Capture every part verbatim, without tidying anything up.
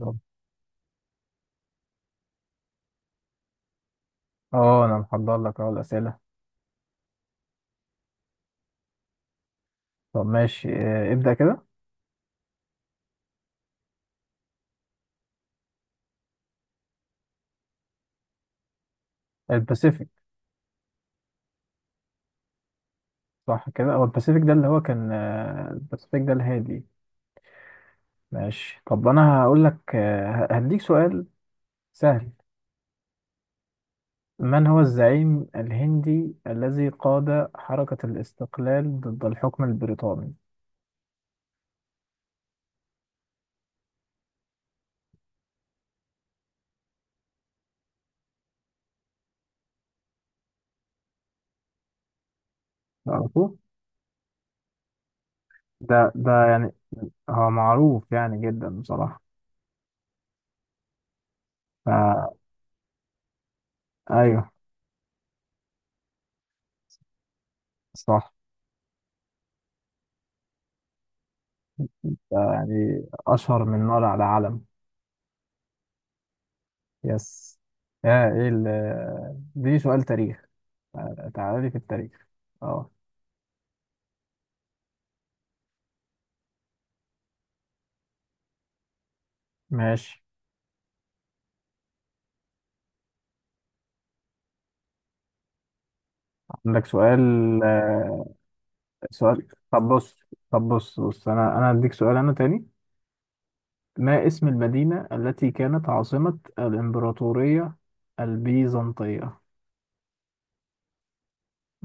طب، اه انا محضر لك اهو الاسئله. طب ماشي، آه، ابدا كده. الباسيفيك. صح كده، هو الباسيفيك ده اللي هو كان، آه، الباسيفيك ده الهادي. ماشي. طب انا هقول لك، آه، ه- هديك سؤال سهل. من هو الزعيم الهندي الذي قاد حركه الاستقلال ضد الحكم البريطاني؟ تعرفوه؟ ده ده يعني، هو معروف يعني جدا بصراحه. فا، ايوه صح. ده يعني اشهر من نار على علم. يس. اه ايه ال... دي سؤال تاريخ. تعال- تعالى لي في التاريخ. اه ماشي. عندك سؤال؟ آه، سؤال. طب بص. طب بص بص انا انا هديك سؤال انا تاني. ما اسم المدينة التي كانت عاصمة الإمبراطورية البيزنطية؟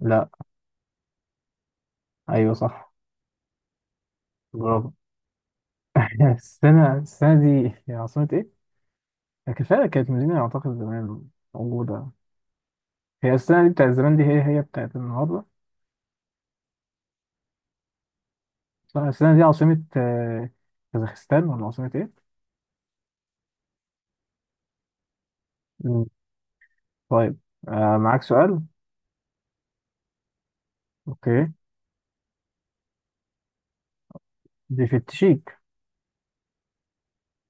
لا. ايوه صح. برافو. السنة السنة دي هي عاصمة ايه؟ كفاية، كانت مدينة اعتقد زمان موجودة. هي السنة دي بتاعت زمان، دي هي هي بتاعت النهاردة. صح. السنة دي عاصمة آه، كازاخستان، ولا عاصمة إيه؟ مم. طيب. آه معاك سؤال؟ أوكي. دي في التشيك.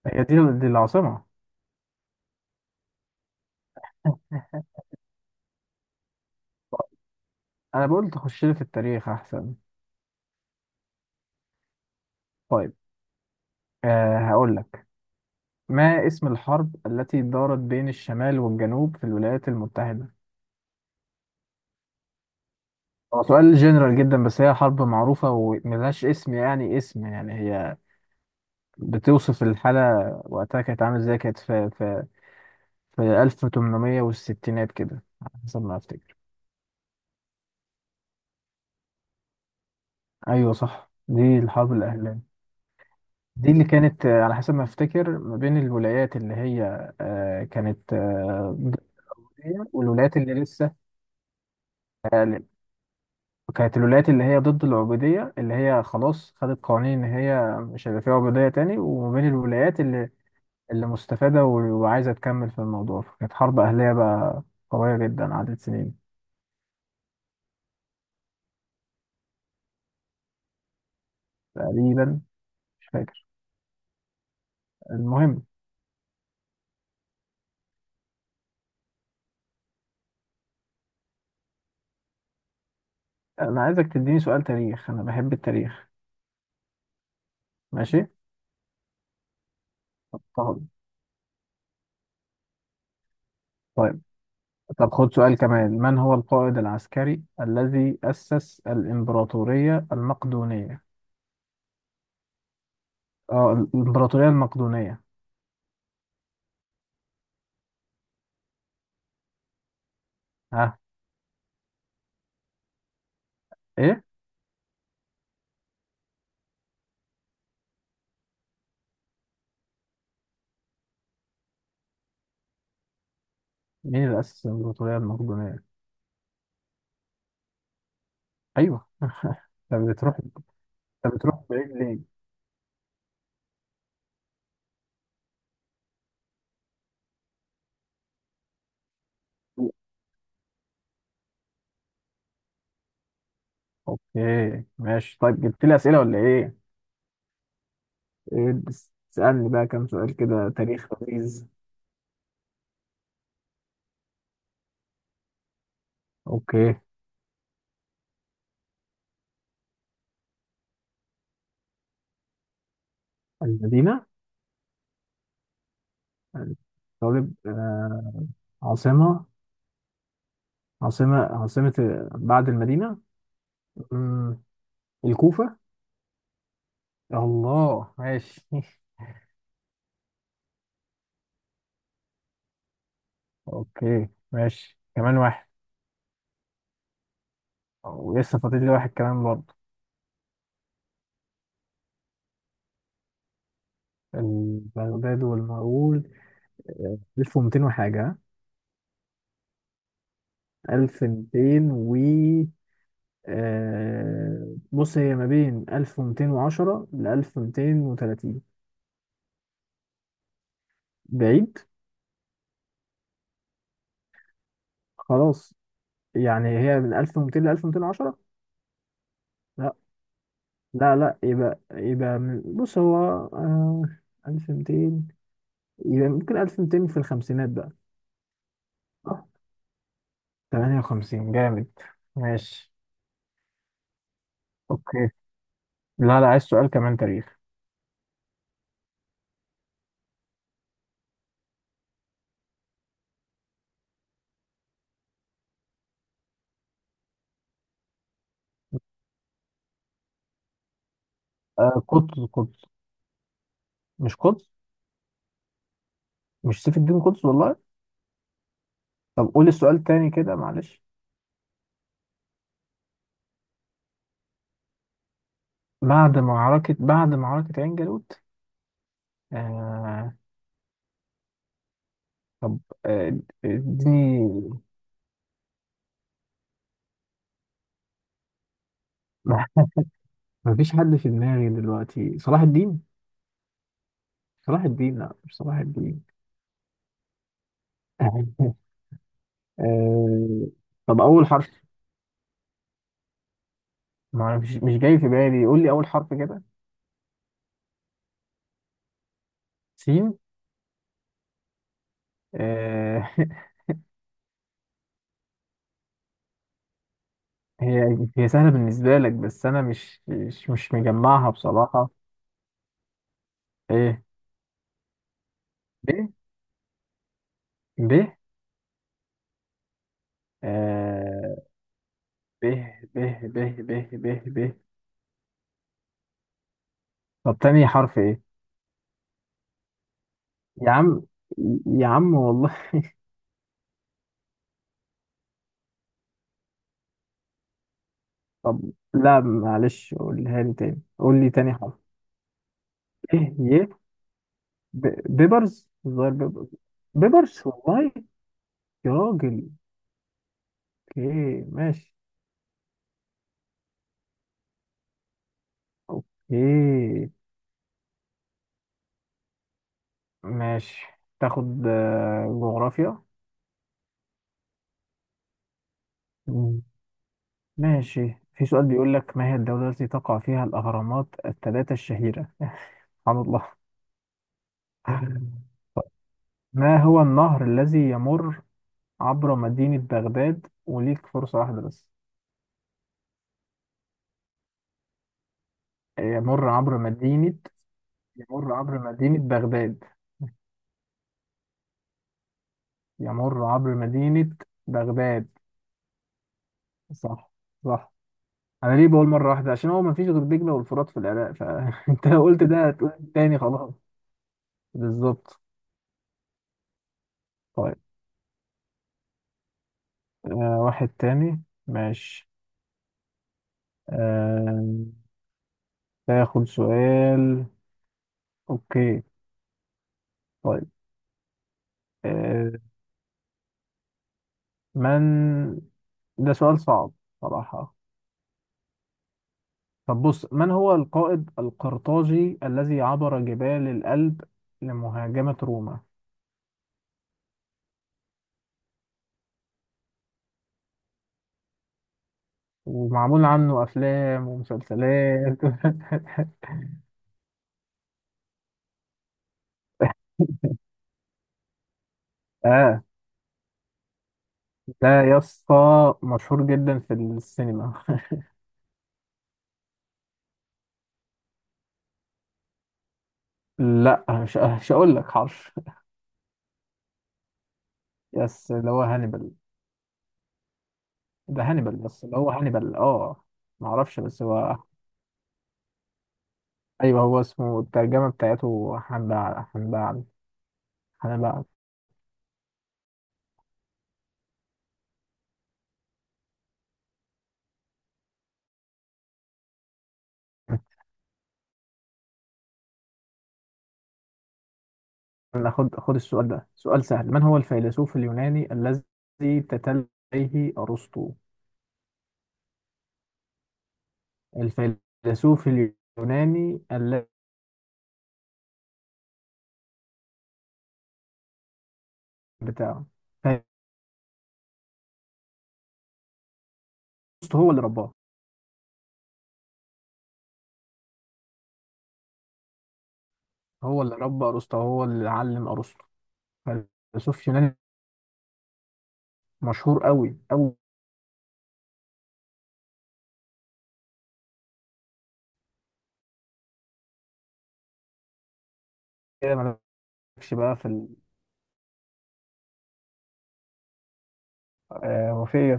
هي دي, دي العاصمة. أنا بقول تخش لي في التاريخ أحسن. طيب. آه هقول لك. ما اسم الحرب التي دارت بين الشمال والجنوب في الولايات المتحدة؟ هو سؤال جنرال جدا، بس هي حرب معروفة وملهاش اسم يعني، اسم يعني هي بتوصف الحالة وقتها كانت عاملة ازاي. كانت في في في ألف وتمنمية وستين كده، على حسب ما أفتكر. ايوه صح، دي الحرب الاهليه. دي اللي كانت، آه، على حسب ما افتكر، ما بين الولايات اللي هي، آه، كانت آه، ضد العبودية، والولايات اللي لسه، آه، كانت الولايات اللي هي ضد العبوديه، اللي هي خلاص خدت قوانين ان هي مش هيبقى فيها عبوديه تاني، وما بين الولايات اللي اللي مستفاده و- وعايزه تكمل في الموضوع، فكانت حرب اهليه بقى قويه جدا عدت سنين. تقريبا. مش فاكر. المهم، انا عايزك تديني سؤال تاريخ، انا بحب التاريخ. ماشي. طب. طيب. طب خد سؤال كمان. من هو القائد العسكري الذي أسس الإمبراطورية المقدونية؟ اه الإمبراطورية المقدونية. ها؟ إيه؟ مين اللي أسس الإمبراطورية المقدونية؟ أيوه. أنت بتروح أنت بتروح بعيد ليه؟ أوكي ماشي. طيب، جبت لي أسئلة ولا إيه؟ إيه، بس اسألني بقى كام سؤال كده تاريخ لذيذ. أوكي. المدينة. طالب. آه عاصمة، عاصمة، عاصمة، بعد المدينة، مم، الكوفة. الله ماشي. اوكي ماشي، كمان واحد. ولسه فاضل لي واحد كمان برضه. البغداد والمغول. آه، ألف ومتين وحاجة، ها؟ ألف ومتين و... آه، بص هي ما بين ألف ومتين وعشرة ل ألف ومتين وتلاتين. بعيد. خلاص، يعني هي من ألف ومتين ل ألف ومتين وعشرة. لا لا لا. يبقى يبقى من- بص هو، آه، ألف ومتين. يبقى ممكن ألف ومتين في الخمسينات، بقى تمانية وخمسين. جامد. ماشي. اوكي. لا لا، عايز سؤال كمان تاريخ. آه قطز. قطز. مش قطز؟ مش سيف الدين قطز والله. طب قول السؤال تاني كده، معلش. بعد معركة بعد معركة عين جالوت. آه. طب. آه، اديني. ما مفيش حد في دماغي دلوقتي. صلاح الدين. صلاح الدين؟ لا مش صلاح الدين. آه طب، أول حرف. ما أنا مش مش جاي في بالي، قول لي أول حرف كده. سين. آه هي. هي سهلة بالنسبة لك، بس أنا مش مش مش مجمعها بصراحة. إيه. ب. ب. آه ب. ب. ب. ب. ب. ب. طب، تاني حرف إيه؟ يا عم، يا عم والله. طب. لا معلش، قولها لي تاني، قول لي تاني حرف. إيه. ي. ب. بيبرز الظاهر. بيبرز. بيبرز والله. يا راجل. أوكي ماشي. أوكي ماشي، تاخد آه، جغرافيا. ماشي، في سؤال بيقول لك، ما هي الدولة التي تقع فيها الأهرامات الثلاثة الشهيرة؟ سبحان الله. ما هو النهر الذي يمر عبر مدينة بغداد؟ وليك فرصة واحدة بس. يمر عبر مدينة. يمر عبر مدينة بغداد. يمر عبر مدينة بغداد. صح. صح. أنا ليه بقول مرة واحدة؟ عشان هو مفيش غير دجلة والفرات في العراق، فأنت لو قلت ده هتقول تاني خلاص. بالظبط. طيب. آه واحد تاني. ماشي. آه تاخد سؤال. اوكي. طيب. آه، من. ده سؤال صعب صراحة. طب بص، من هو القائد القرطاجي الذي عبر جبال الألب لمهاجمة روما، ومعمول عنه أفلام ومسلسلات؟ اه ده يا اسطى مشهور جدا في السينما. لا مش مش هقول لك حرش. يس، اللي هو هانيبال. ده هانيبال، بس اللي هو هانيبال. اه معرفش، بس هو. ايوه، هو اسمه الترجمة بتاعته حنبع. حنبع. حنبع. ناخد خد السؤال ده. سؤال سهل. من هو الفيلسوف اليوناني الذي تتلى عليه أرسطو؟ الفيلسوف اليوناني الذي بتاعه أرسطو، هو اللي رباه، هو اللي ربى أرسطو، هو اللي علم أرسطو. فيلسوف يوناني مشهور قوي قوي. كده مالكش بقى في ال-، آه، وفي